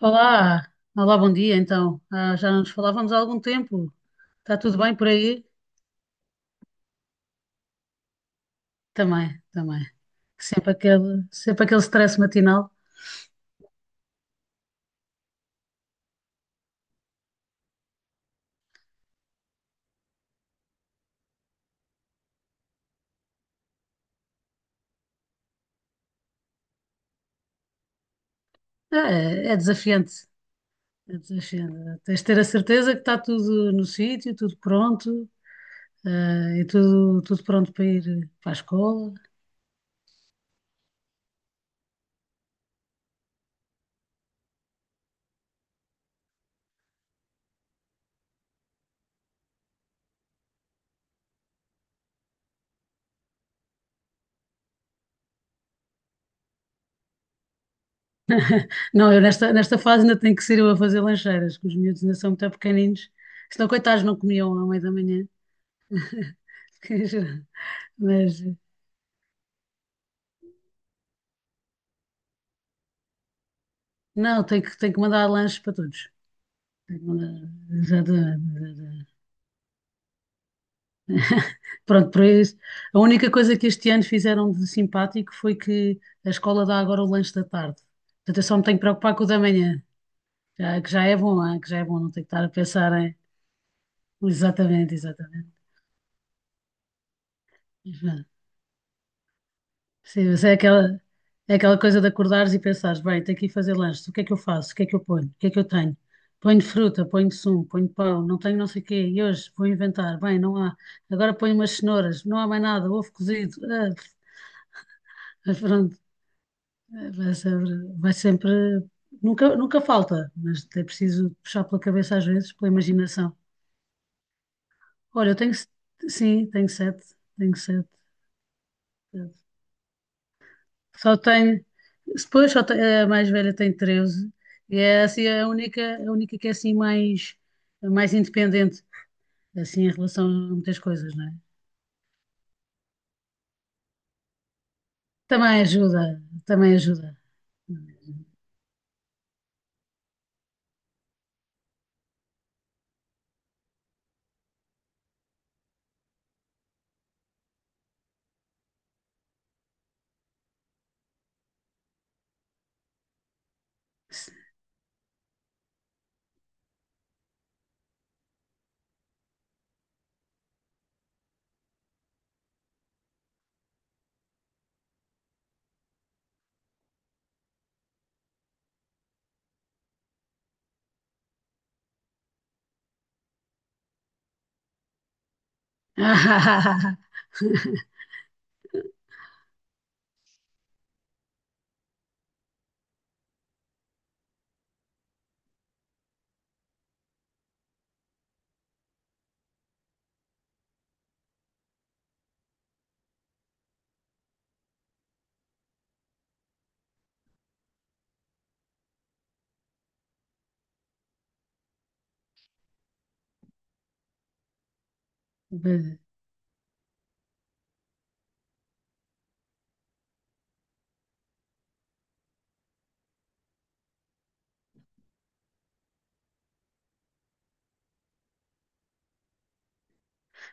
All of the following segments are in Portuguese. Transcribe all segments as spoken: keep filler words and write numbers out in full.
Olá, olá, bom dia então. Ah, já não nos falávamos há algum tempo. Está tudo bem por aí? Também, também. Sempre aquele, sempre aquele stress matinal. É, é desafiante. É desafiante. Tens de ter a certeza que está tudo no sítio, tudo pronto, ah, e tudo, tudo pronto para ir para a escola. Não, eu nesta, nesta fase ainda tenho que ser eu a fazer lancheiras, que os miúdos ainda são muito pequeninos. Senão, coitados, não comiam à meia da manhã. Mas, Não, tenho que, tenho que mandar lanches para todos. Tenho que mandar- Já. Pronto, por isso. A única coisa que este ano fizeram de simpático foi que a escola dá agora o lanche da tarde. Portanto, eu só me tenho que preocupar com o da manhã, já, que já é bom, ah, que já é bom, não tenho que estar a pensar em. Exatamente, exatamente. Sim, mas é aquela, é aquela, coisa de acordares e pensares, bem, tenho que ir fazer lanche, o que é que eu faço? O que é que eu ponho? O que é que eu tenho? Ponho fruta, ponho sumo, ponho pão, não tenho não sei o quê, e hoje vou inventar, bem, não há. Agora ponho umas cenouras, não há mais nada, ovo cozido, ah, mas pronto, eh, vai sempre, vai sempre, nunca, nunca falta, mas é preciso puxar pela cabeça às vezes, pela imaginação. Olha, eu tenho, se- sim, tenho sete, tenho sete. Só tem. Depois só tem- A mais velha tem treze e é assim a única, a única, que é assim mais, mais independente, assim em relação a muitas coisas, não é? Também ajuda, também ajuda.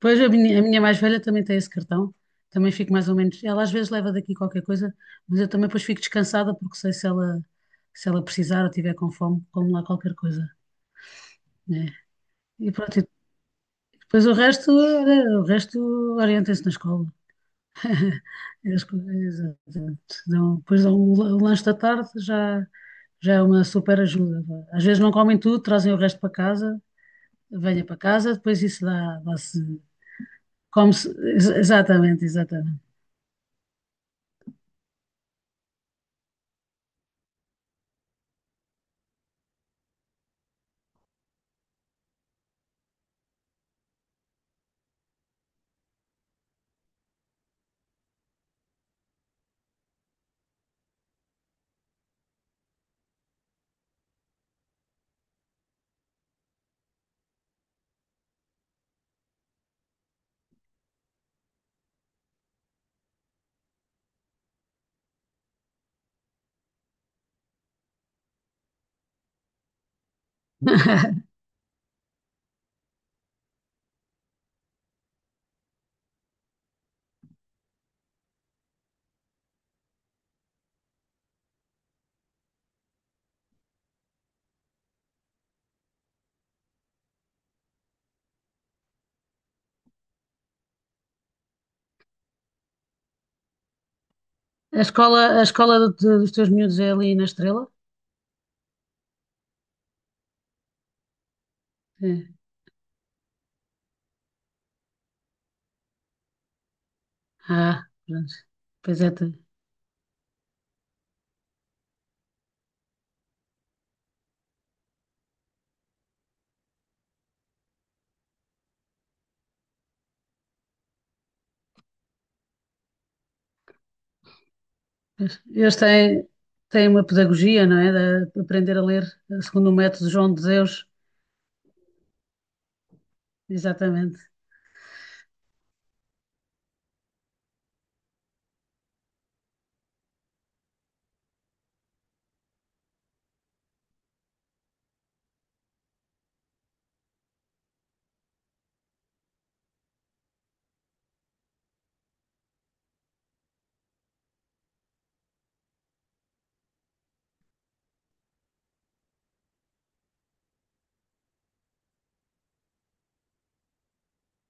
Pois a minha, a minha mais velha também tem esse cartão, também fico mais ou menos. Ela às vezes leva daqui qualquer coisa, mas eu também depois fico descansada porque sei se ela, se ela precisar ou tiver com fome, como lá qualquer coisa, né? E pronto, e Pois o resto, eh, o resto orienta-se na escola. As coisas, exatamente. Dão- Depois dão o la- o lanche da tarde, já, já é uma super ajuda. Às vezes não comem tudo, trazem o resto para casa, venha para casa, depois isso dá, dá-se, come-se. ex- Exatamente, exatamente. A escola, a escola do- do- dos teus miúdos é ali na Estrela? É. Ah, pronto. Pois é. tu- pois. Eles têm, têm uma pedagogia, não é? De aprender a ler segundo o método João de Deus. Exatamente.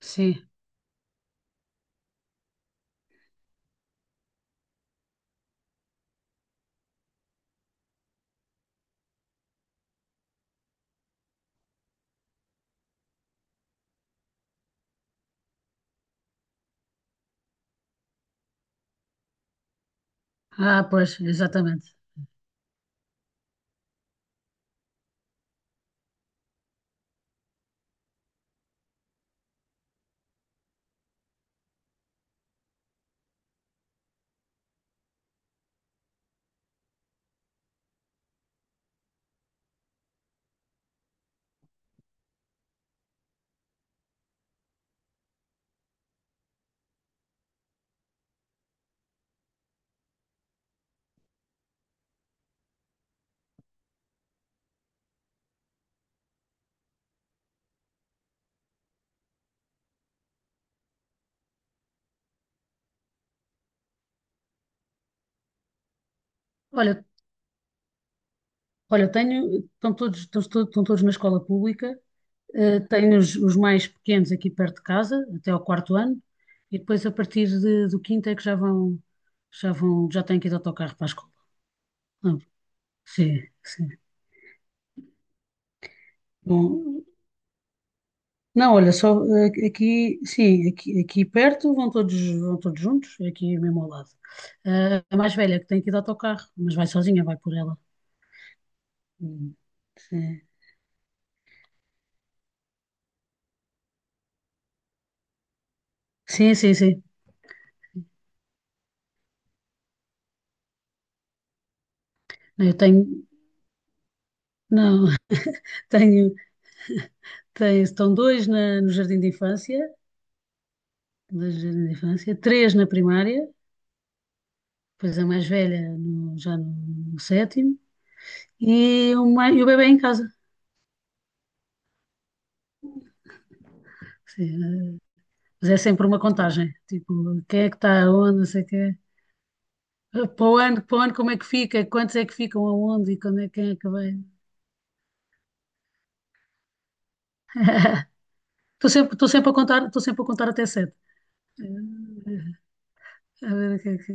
Sim. Ah, pois, exatamente. Olha, olha, eu tenho, estão todos, estão, todos estão todos na escola pública, eh, tenho os, os mais pequenos aqui perto de casa, até ao quarto ano, e depois a partir de- do quinto é que já vão, já vão, já têm que ir de autocarro para a escola. Ah, sim, sim. Bom, não, olha, só eh, aqui, sim, aqui, aqui perto vão todos, vão todos juntos, aqui mesmo ao lado. Eh, a mais velha que tem que ir de autocarro, mas vai sozinha, vai por ela. Hum, Sim. Sim, sim, sim. Eu tenho, não, tenho, tenho, estão dois na, no jardim de infância, dois no jardim de infância, três na primária, depois a mais velha no- já no, no sétimo, e o, mai- e o bebê em casa. Sim, eh, mas é sempre uma contagem, tipo, quem é que está aonde, não sei o quê. Eh, Para o ano, para o ano como é que fica, quantos é que ficam aonde e quando é, quem é que vem. Estou sempre, estou sempre a contar, estou sempre a contar até sete. Eh, A ver o que é que...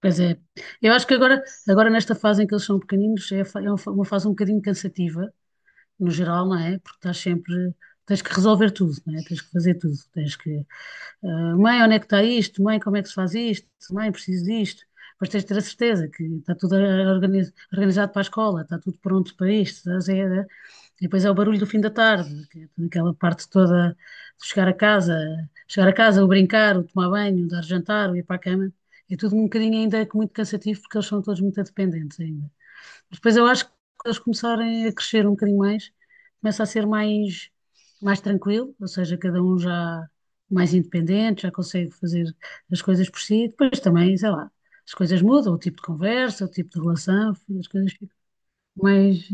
Pois é. Eu acho que agora, agora, nesta fase em que eles são pequeninos, é, fa- é uma fa- uma fase um bocadinho cansativa, no geral, não é? Porque estás sempre, tens que resolver tudo, não é? Tens que fazer tudo, tens que, eh, mãe, onde é que está isto? Mãe, como é que se faz isto? Mãe, preciso disto. Depois tens de ter a certeza que está tudo eh, organizado para a escola, está tudo pronto para isto. estás a ver? E depois é o barulho do fim da tarde, que é aquela parte toda de chegar a casa, chegar a casa, o brincar, o tomar banho, o dar jantar, o ir para a cama. É tudo um bocadinho ainda muito cansativo porque eles são todos muito dependentes ainda. Depois eu acho que quando eles começarem a crescer um bocadinho mais, começa a ser mais, mais tranquilo, ou seja, cada um já mais independente, já consegue fazer as coisas por si. Depois também, sei lá, as coisas mudam, o tipo de conversa, o tipo de relação, as coisas ficam mais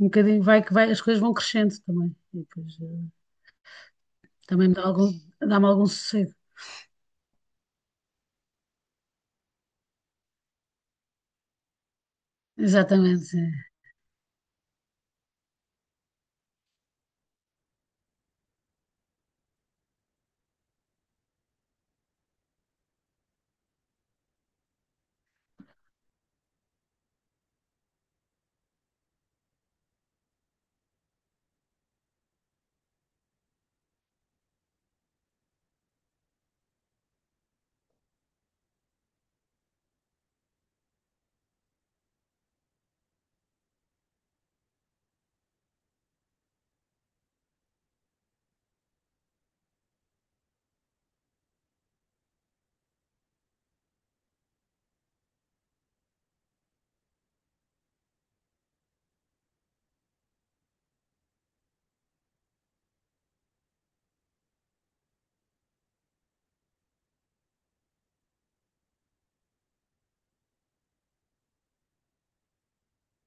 um bocadinho, vai que vai, as coisas vão crescendo também. E depois eh, também me dá algum, dá-me algum sossego. Exatamente. sim.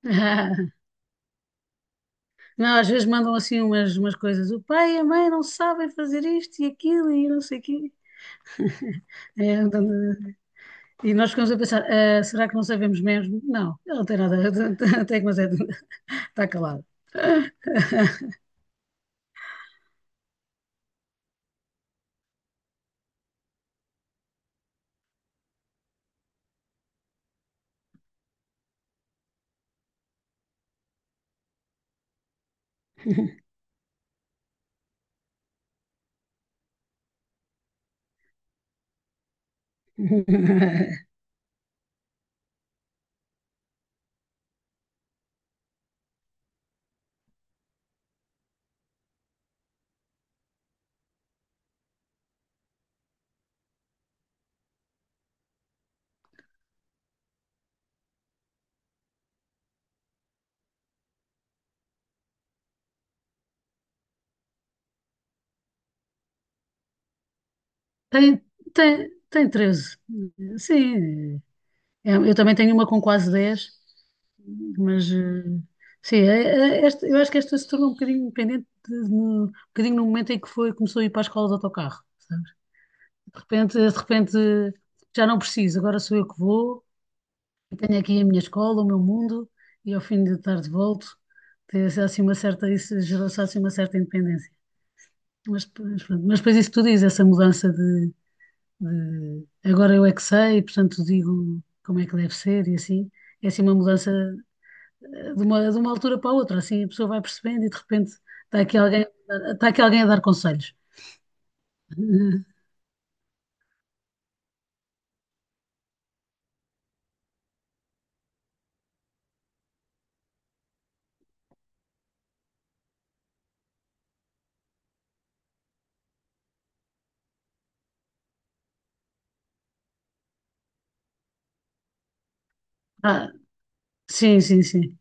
Ah, Não, às vezes mandam assim umas, umas coisas, o pai e a mãe não sabem fazer isto e aquilo e não sei o quê. É, então, e nós ficamos a pensar, "Ah, será que não sabemos mesmo? Não, ela não tem nada, até que mas é, está calada. Tem, tem, tem treze. Sim, é, eu também tenho uma com quase dez. mas eh, sim, é- é- é esta- eu acho que esta se tornou um bocadinho independente, de- no, um bocadinho no momento em que foi, começou a ir para a escola de autocarro, sabes? De repente, de repente eh, já não preciso, agora sou eu que vou. Tenho aqui a minha escola, o meu mundo, e ao fim de tarde volto, ter assim assim uma certa, isso gerou-se assim uma certa independência. Mas, pois, pronto, mas depois isso que tu dizes essa mudança de, de, agora eu é que sei, portanto digo como é que deve ser e assim. É assim uma mudança eh, de uma, de uma altura para a outra, assim a pessoa vai percebendo e de repente está aqui alguém, está aqui alguém a dar conselhos. Ah, sim, sim, sim.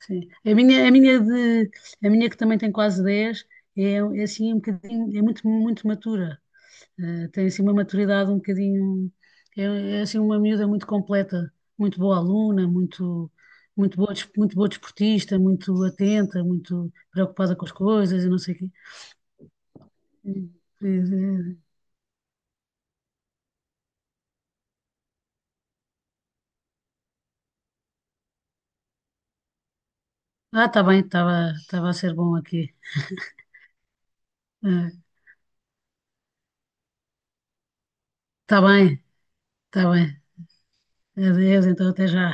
Sim. A minha, a minha de, a minha que também tem quase dez é, é assim um bocadinho, é muito, muito matura. Eh, tem assim uma maturidade um bocadinho, é, é assim uma miúda muito completa, muito boa aluna, muito, muito boa, des- muito boa desportista, muito atenta, muito preocupada com as coisas e não sei o quê. Eh, eh, Ah, está bem, estava, estava a ser bom aqui. Está bem, está bem. Adeus, então até já.